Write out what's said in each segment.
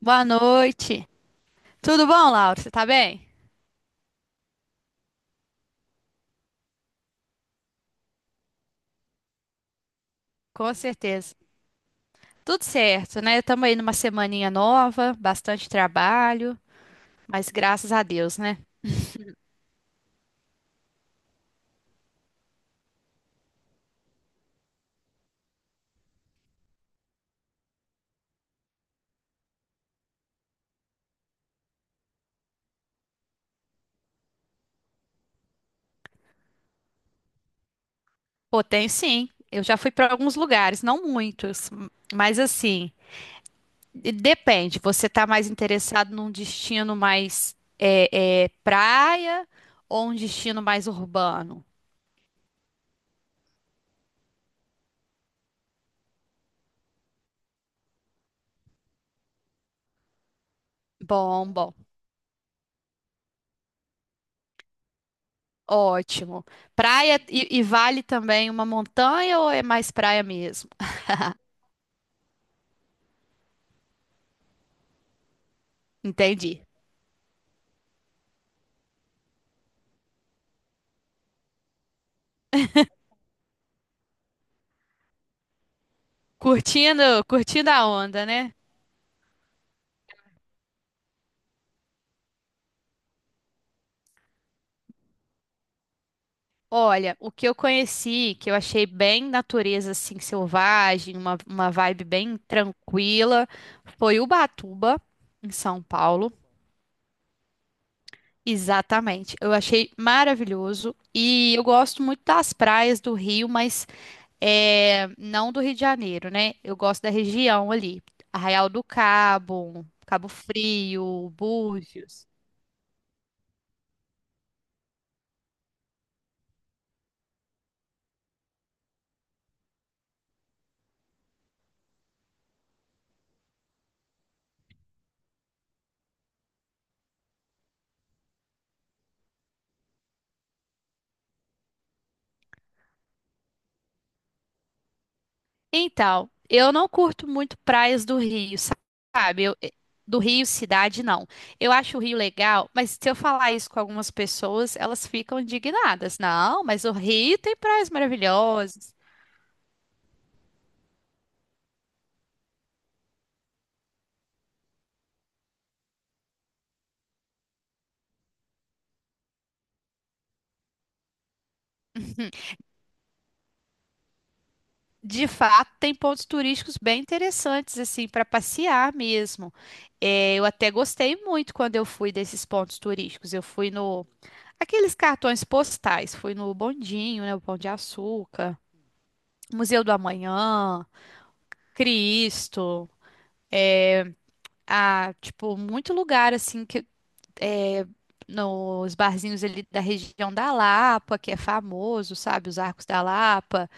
Boa noite. Tudo bom, Laura? Você tá bem? Com certeza. Tudo certo, né? Estamos aí numa semaninha nova, bastante trabalho, mas graças a Deus, né? Pô, tem sim. Eu já fui para alguns lugares, não muitos, mas assim, e depende. Você tá mais interessado num destino mais praia ou um destino mais urbano? Bom, bom. Ótimo. Praia e vale também uma montanha ou é mais praia mesmo? Entendi. Curtindo, curtindo a onda, né? Olha, o que eu conheci, que eu achei bem natureza assim selvagem, uma vibe bem tranquila, foi Ubatuba, em São Paulo. Exatamente. Eu achei maravilhoso e eu gosto muito das praias do Rio, mas é, não do Rio de Janeiro, né? Eu gosto da região ali, Arraial do Cabo, Cabo Frio, Búzios. Então, eu não curto muito praias do Rio, sabe? Eu, do Rio, cidade, não. Eu acho o Rio legal, mas se eu falar isso com algumas pessoas, elas ficam indignadas. Não, mas o Rio tem praias maravilhosas. De fato, tem pontos turísticos bem interessantes, assim, para passear mesmo. É, eu até gostei muito quando eu fui desses pontos turísticos. Eu fui no... Aqueles cartões postais. Fui no Bondinho, né? O Pão de Açúcar. Museu do Amanhã. Cristo. A, tipo, muito lugar assim que é, nos barzinhos ali da região da Lapa, que é famoso, sabe? Os Arcos da Lapa.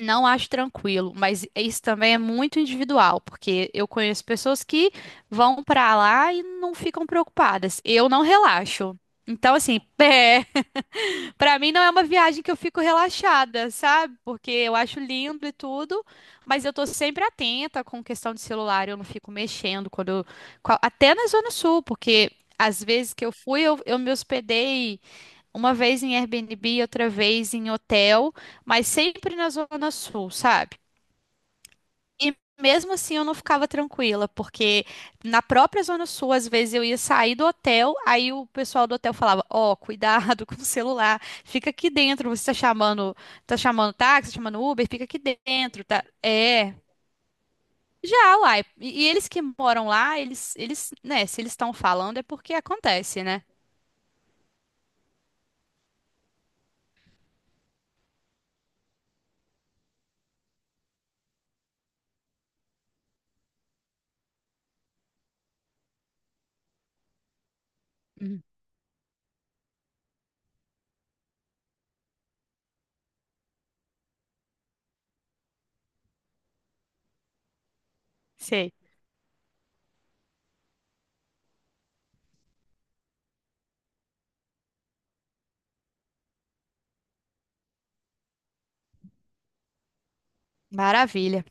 Não acho tranquilo, mas isso também é muito individual, porque eu conheço pessoas que vão pra lá e não ficam preocupadas. Eu não relaxo. Então, assim, pra mim não é uma viagem que eu fico relaxada, sabe? Porque eu acho lindo e tudo, mas eu tô sempre atenta com questão de celular, eu não fico mexendo quando eu, qua- até na Zona Sul, porque às vezes que eu fui, eu me hospedei uma vez em Airbnb, outra vez em hotel, mas sempre na Zona Sul, sabe? E mesmo assim eu não ficava tranquila, porque na própria Zona Sul, às vezes eu ia sair do hotel, aí o pessoal do hotel falava: Ó, cuidado com o celular, fica aqui dentro, você tá chamando táxi, tá chamando Uber, fica aqui dentro, tá? É. Já, uai. E eles que moram lá, eles, né, se eles estão falando é porque acontece, né? Hum, sei. Maravilha.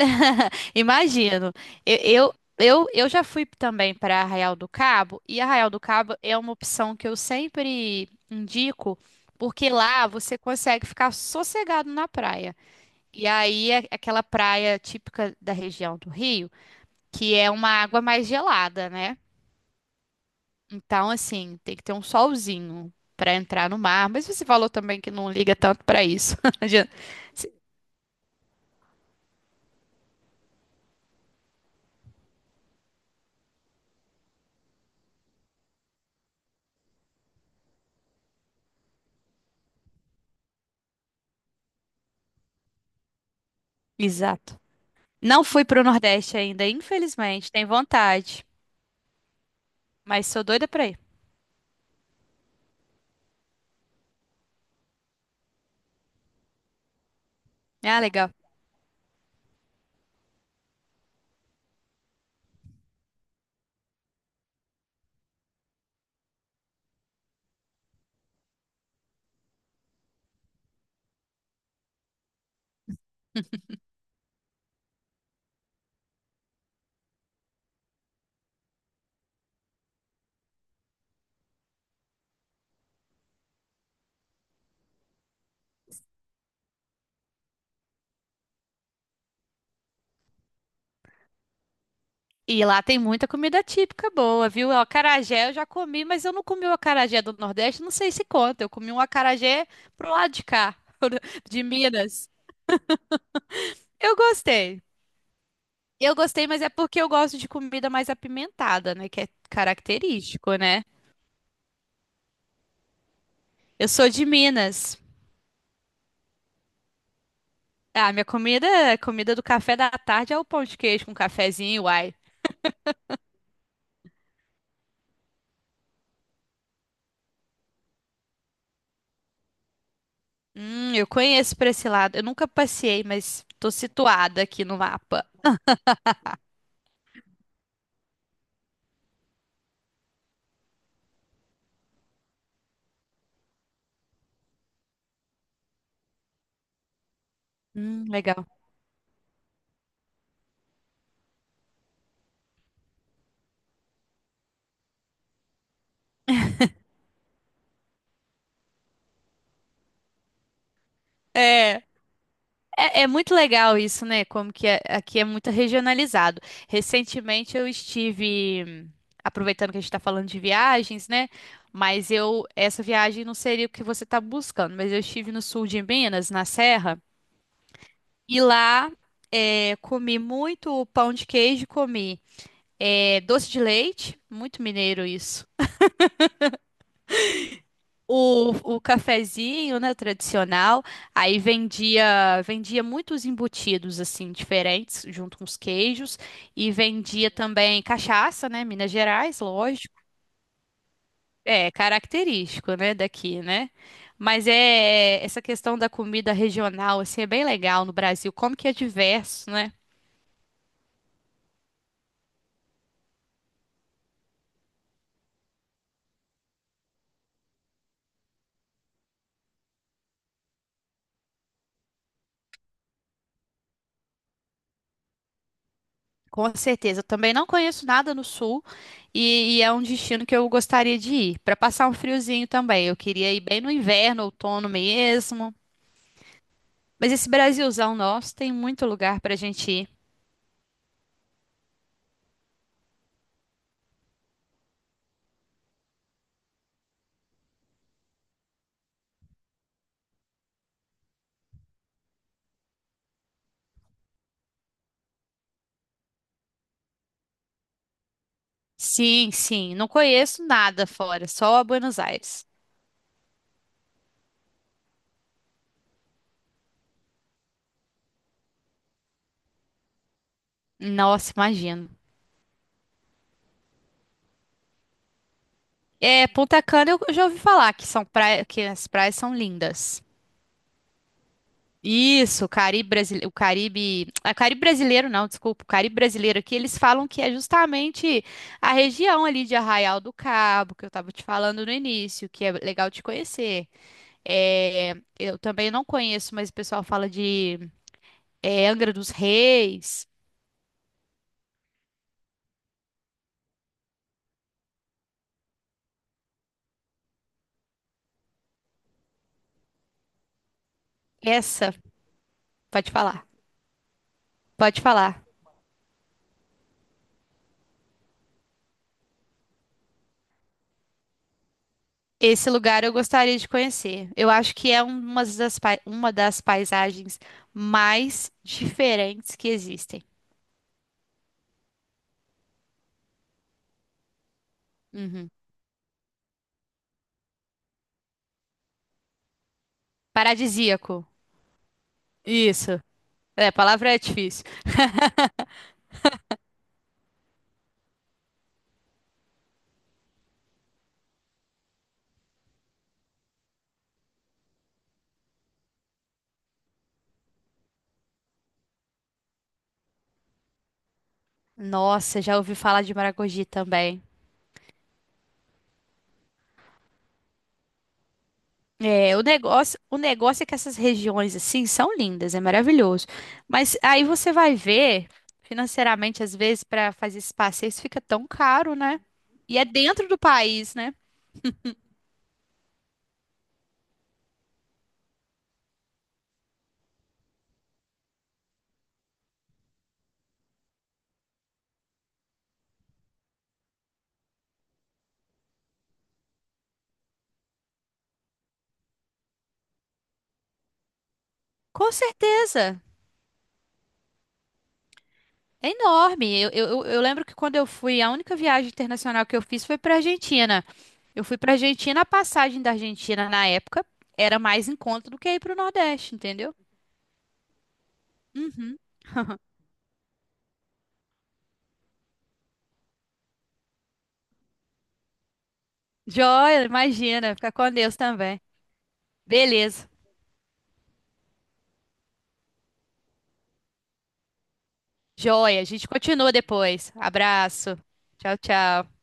Imagino. Eu já fui também para Arraial do Cabo, e Arraial do Cabo é uma opção que eu sempre indico, porque lá você consegue ficar sossegado na praia. E aí é aquela praia típica da região do Rio, que é uma água mais gelada, né? Então, assim, tem que ter um solzinho para entrar no mar. Mas você falou também que não liga tanto para isso. Já- Exato. Não fui para o Nordeste ainda, infelizmente. Tem vontade. Mas sou doida pra ir. Ah, legal. E lá tem muita comida típica boa, viu? O acarajé eu já comi, mas eu não comi o acarajé do Nordeste, não sei se conta. Eu comi um acarajé pro lado de cá, de Minas. Eu gostei. Eu gostei, mas é porque eu gosto de comida mais apimentada, né? Que é característico, né? Eu sou de Minas. Ah, minha comida, a comida do café da tarde é o pão de queijo com cafezinho, uai. Eu conheço pra esse lado. Eu nunca passei, mas tô situada aqui no mapa. Legal. É, é muito legal isso, né? Como que é- aqui é muito regionalizado. Recentemente eu estive, aproveitando que a gente está falando de viagens, né? Mas eu, essa viagem não seria o que você está buscando, mas eu estive no sul de Minas, na Serra, e lá é, comi muito pão de queijo, comi é, doce de leite, muito mineiro isso. O cafezinho, né, tradicional, aí vendia muitos embutidos assim diferentes, junto com os queijos, e vendia também cachaça, né, Minas Gerais, lógico, é característico, né, daqui, né? Mas é essa questão da comida regional assim é bem legal no Brasil, como que é diverso, né? Com certeza, eu também não conheço nada no sul e é um destino que eu gostaria de ir, para passar um friozinho também. Eu queria ir bem no inverno, outono mesmo. Mas esse Brasilzão nosso tem muito lugar pra gente ir. Sim, sim. Não conheço nada fora, só Buenos Aires. Nossa, imagino. É, Punta Cana eu já ouvi falar que são praia, que as praias são lindas. Isso, o Caribe brasileiro, o Caribe, ah, Caribe brasileiro não, desculpa, o Caribe brasileiro aqui, eles falam que é justamente a região ali de Arraial do Cabo, que eu tava te falando no início, que é legal de conhecer. É, eu também não conheço, mas o pessoal fala de é, Angra dos Reis. Essa, pode falar, pode falar. Esse lugar eu gostaria de conhecer. Eu acho que é uma das, pai- uma das paisagens mais diferentes que existem. Uhum. Paradisíaco. Isso. É, a palavra é difícil. Nossa, já ouvi falar de Maragogi também. É, o negócio é que essas regiões assim são lindas, é maravilhoso. Mas aí você vai ver, financeiramente, às vezes, para fazer esses passeios fica tão caro, né? E é dentro do país, né? Com certeza. É enorme. Eu lembro que quando eu fui, a única viagem internacional que eu fiz foi para Argentina. Eu fui para Argentina, a passagem da Argentina na época era mais em conta do que ir para o Nordeste, entendeu? Joia, imagina, fica com Deus também. Beleza. Joia, a gente continua depois. Abraço. Tchau, tchau.